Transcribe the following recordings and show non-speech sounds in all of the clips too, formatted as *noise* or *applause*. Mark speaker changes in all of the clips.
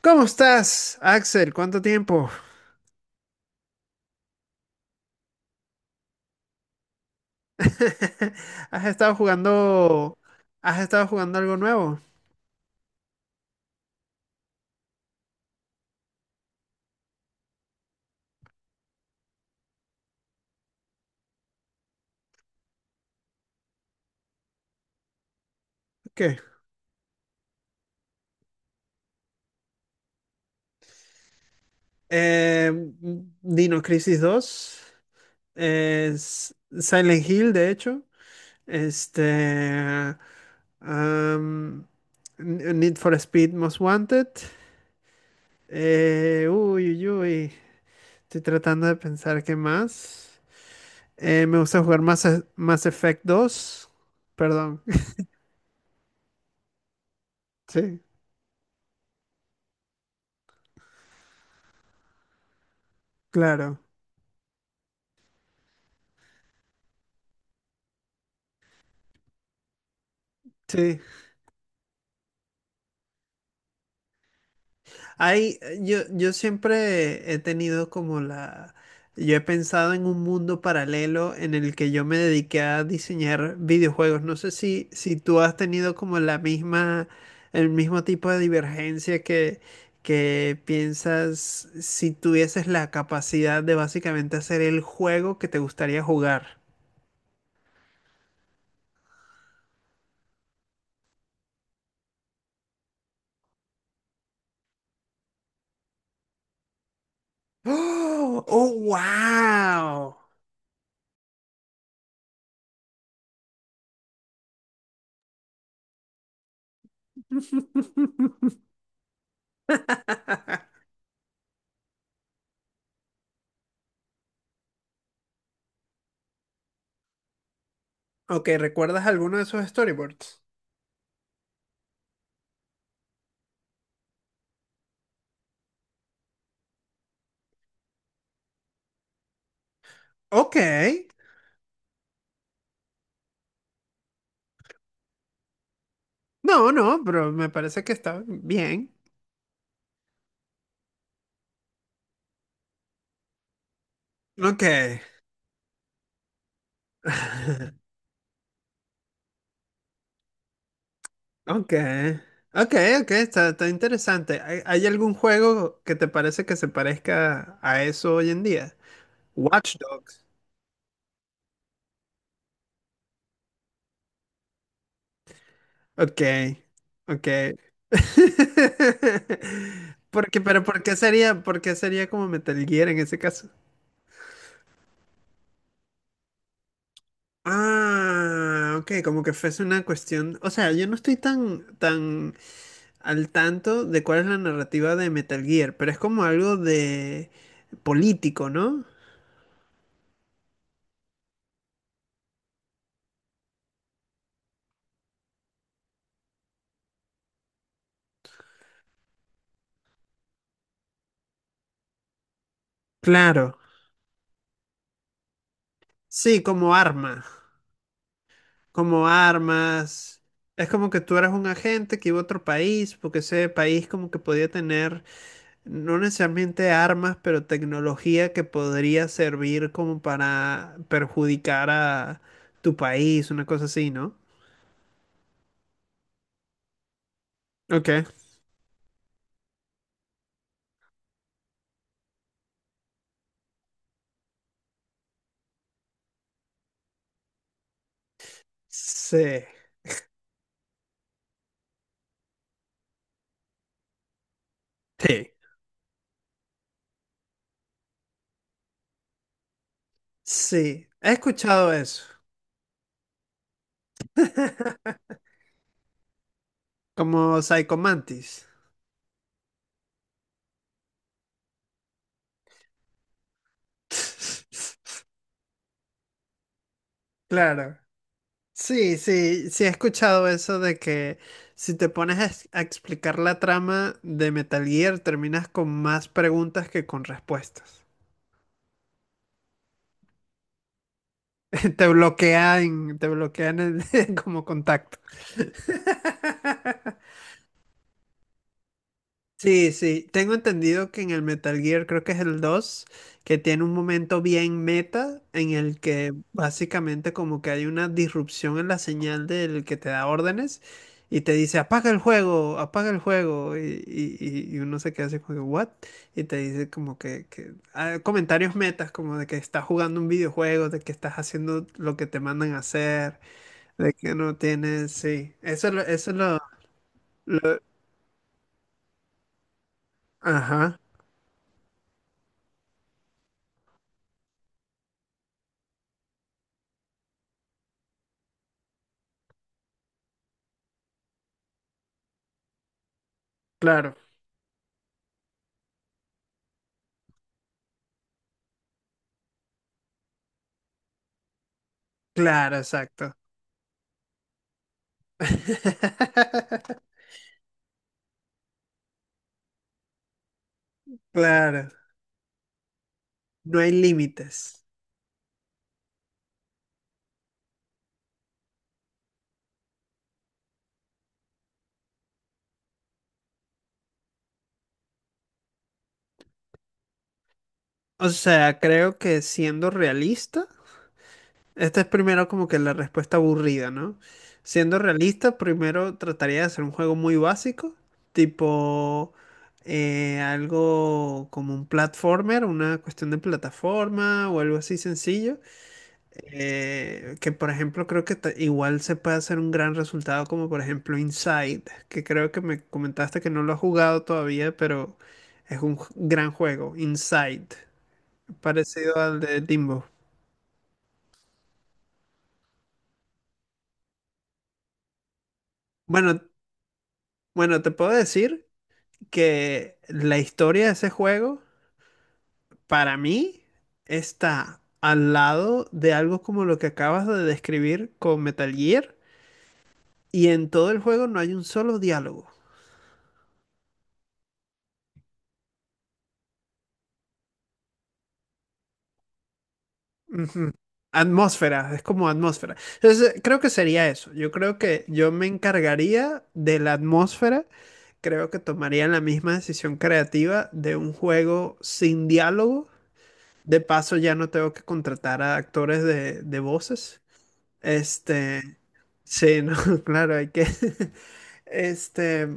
Speaker 1: ¿Cómo estás, Axel? ¿Cuánto tiempo? *laughs* ¿Has estado jugando algo nuevo? ¿Qué? Eh, Dino Crisis 2, es Silent Hill, de hecho. este, am, Need for Speed Most Wanted. Uy, uy, uy, estoy tratando de pensar qué más. Me gusta jugar Mass Effect dos. Perdón. *laughs* Sí, claro. Sí. Hay, yo siempre he tenido como la, yo he pensado en un mundo paralelo en el que yo me dediqué a diseñar videojuegos. No sé si tú has tenido como la misma, el mismo tipo de divergencia que piensas si tuvieses la capacidad de básicamente hacer el juego que te gustaría jugar. ¡Oh! ¡Oh, wow! *laughs* Ok, ¿recuerdas alguno de esos storyboards? Ok. No, no, pero me parece que está bien. Ok. *laughs* Ok. Ok, ok, está interesante. ¿Hay algún juego que te parece que se parezca a eso hoy en día? Watch Dogs. Ok, ok. *laughs* Porque, pero ¿por qué sería como Metal Gear en ese caso? Ah, ok, como que fuese una cuestión. O sea, yo no estoy tan, tan al tanto de cuál es la narrativa de Metal Gear, pero es como algo de político, ¿no? Claro, sí, como armas. Es como que tú eras un agente que iba a otro país, porque ese país como que podía tener no necesariamente armas, pero tecnología que podría servir como para perjudicar a tu país, una cosa así, ¿no? Ok. Sí. Sí. Sí, he escuchado eso. *laughs* Como Psycho Mantis. *laughs* Claro. Sí, sí, sí he escuchado eso de que si te pones a, a explicar la trama de Metal Gear, terminas con más preguntas que con respuestas. *laughs* Te bloquean *laughs* como contacto. *laughs* Sí, sí, tengo entendido que en el Metal Gear, creo que es el 2 que tiene un momento bien meta en el que básicamente como que hay una disrupción en la señal del que te da órdenes y te dice apaga el juego y uno se queda así como que, what? Y te dice como que, comentarios metas como de que estás jugando un videojuego, de que estás haciendo lo que te mandan a hacer, de que no tienes, sí, eso, lo- ajá, claro. Claro, exacto. *laughs* Claro, no hay límites. O sea, creo que siendo realista, esta es primero como que la respuesta aburrida, ¿no? Siendo realista, primero trataría de hacer un juego muy básico, tipo algo como un platformer, una cuestión de plataforma o algo así sencillo. Que por ejemplo creo que igual se puede hacer un gran resultado como por ejemplo Inside, que creo que me comentaste que no lo has jugado todavía, pero es un gran juego, Inside, parecido al de Limbo. Bueno, bueno, te puedo decir que la historia de ese juego para mí está al lado de algo como lo que acabas de describir con Metal Gear y en todo el juego no hay un solo diálogo. Ujú. Atmósfera, es como atmósfera. Entonces, creo que sería eso. Yo creo que yo me encargaría de la atmósfera. Creo que tomaría la misma decisión creativa de un juego sin diálogo. De paso, ya no tengo que contratar a actores de voces. Este, sí, no, *laughs* claro, hay que. *laughs* Este,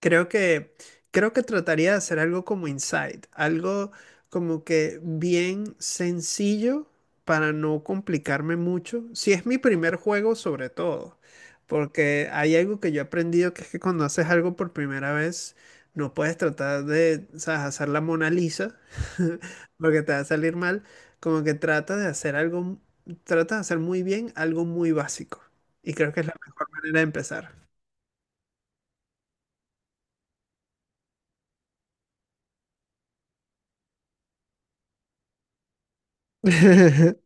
Speaker 1: Creo que, creo que trataría de hacer algo como Inside, algo como que bien sencillo para no complicarme mucho. Si es mi primer juego, sobre todo, porque hay algo que yo he aprendido que es que cuando haces algo por primera vez, no puedes tratar de, sabes, hacer la Mona Lisa, *laughs* porque te va a salir mal. Como que trata de hacer algo, trata de hacer muy bien algo muy básico. Y creo que es la mejor manera de empezar. *laughs*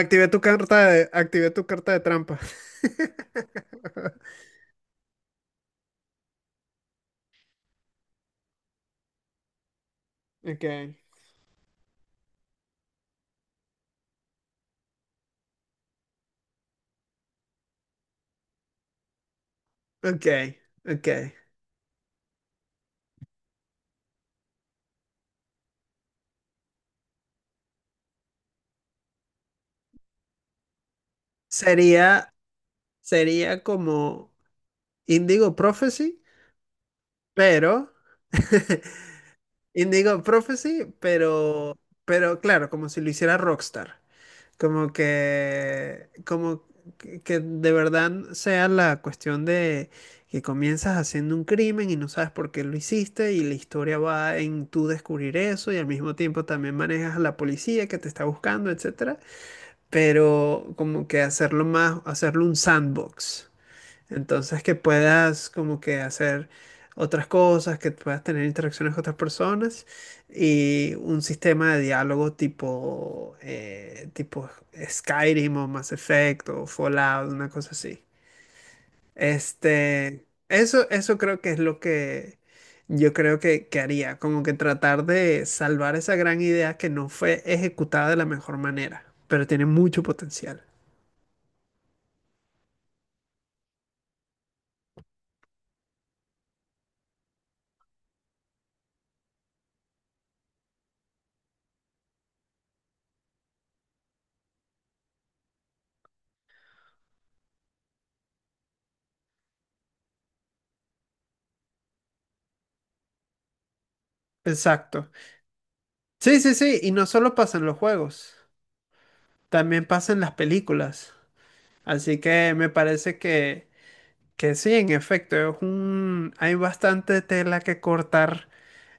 Speaker 1: Activé tu carta de, activé tu carta de trampa. *laughs* Ok. Ok, ok. Sería, sería como Indigo Prophecy, pero. *laughs* Indigo Prophecy, pero claro, como si lo hiciera Rockstar. Como que que de verdad sea la cuestión de que comienzas haciendo un crimen y no sabes por qué lo hiciste y la historia va en tú descubrir eso y al mismo tiempo también manejas a la policía que te está buscando, etcétera. Pero como que hacerlo un sandbox. Entonces que puedas como que hacer otras cosas, que puedas tener interacciones con otras personas y un sistema de diálogo tipo, tipo Skyrim o Mass Effect o Fallout, una cosa así. Eso creo que es lo que yo creo que haría, como que tratar de salvar esa gran idea que no fue ejecutada de la mejor manera, pero tiene mucho potencial. Exacto. Sí, sí, sí, y no solo pasa en los juegos, también pasa en las películas. Así que me parece que sí, en efecto, hay bastante tela que cortar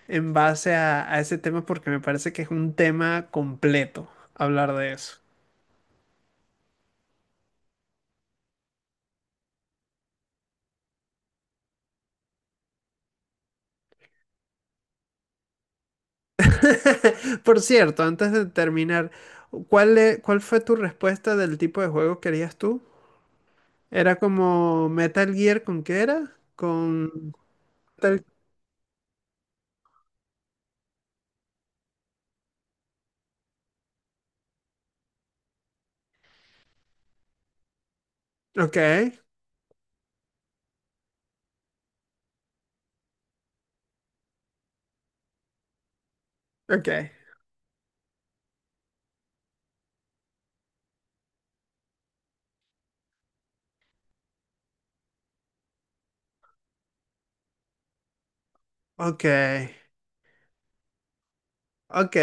Speaker 1: en base a ese tema porque me parece que es un tema completo hablar de eso. *laughs* Por cierto, antes de terminar, ¿cuál fue tu respuesta del tipo de juego que harías tú? ¿Era como Metal Gear con qué era? Con... Metal- Ok, ok, ok, ok.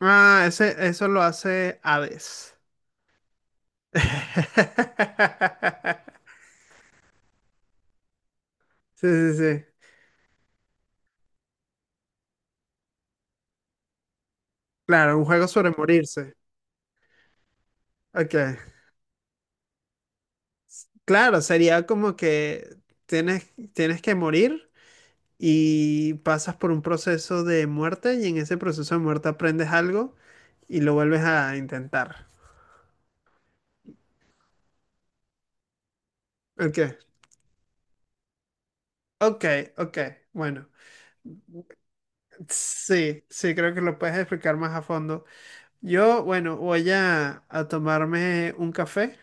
Speaker 1: Ah, eso lo hace Hades. *laughs* Sí, sí, sí. Claro, un juego sobre morirse. Ok. Claro, sería como que tienes que morir y pasas por un proceso de muerte y en ese proceso de muerte aprendes algo y lo vuelves a intentar. Ok, ok, ok, bueno. Sí, sí, creo que lo puedes explicar más a fondo. Yo, bueno, voy a tomarme un café.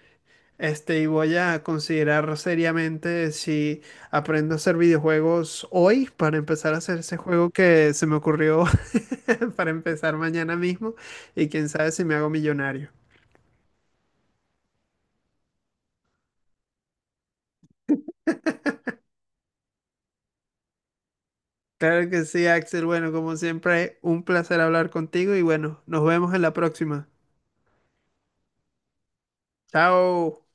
Speaker 1: Y voy a considerar seriamente si aprendo a hacer videojuegos hoy para empezar a hacer ese juego que se me ocurrió *laughs* para empezar mañana mismo y quién sabe si me hago millonario. Claro que sí, Axel. Bueno, como siempre, un placer hablar contigo y bueno, nos vemos en la próxima. Chao.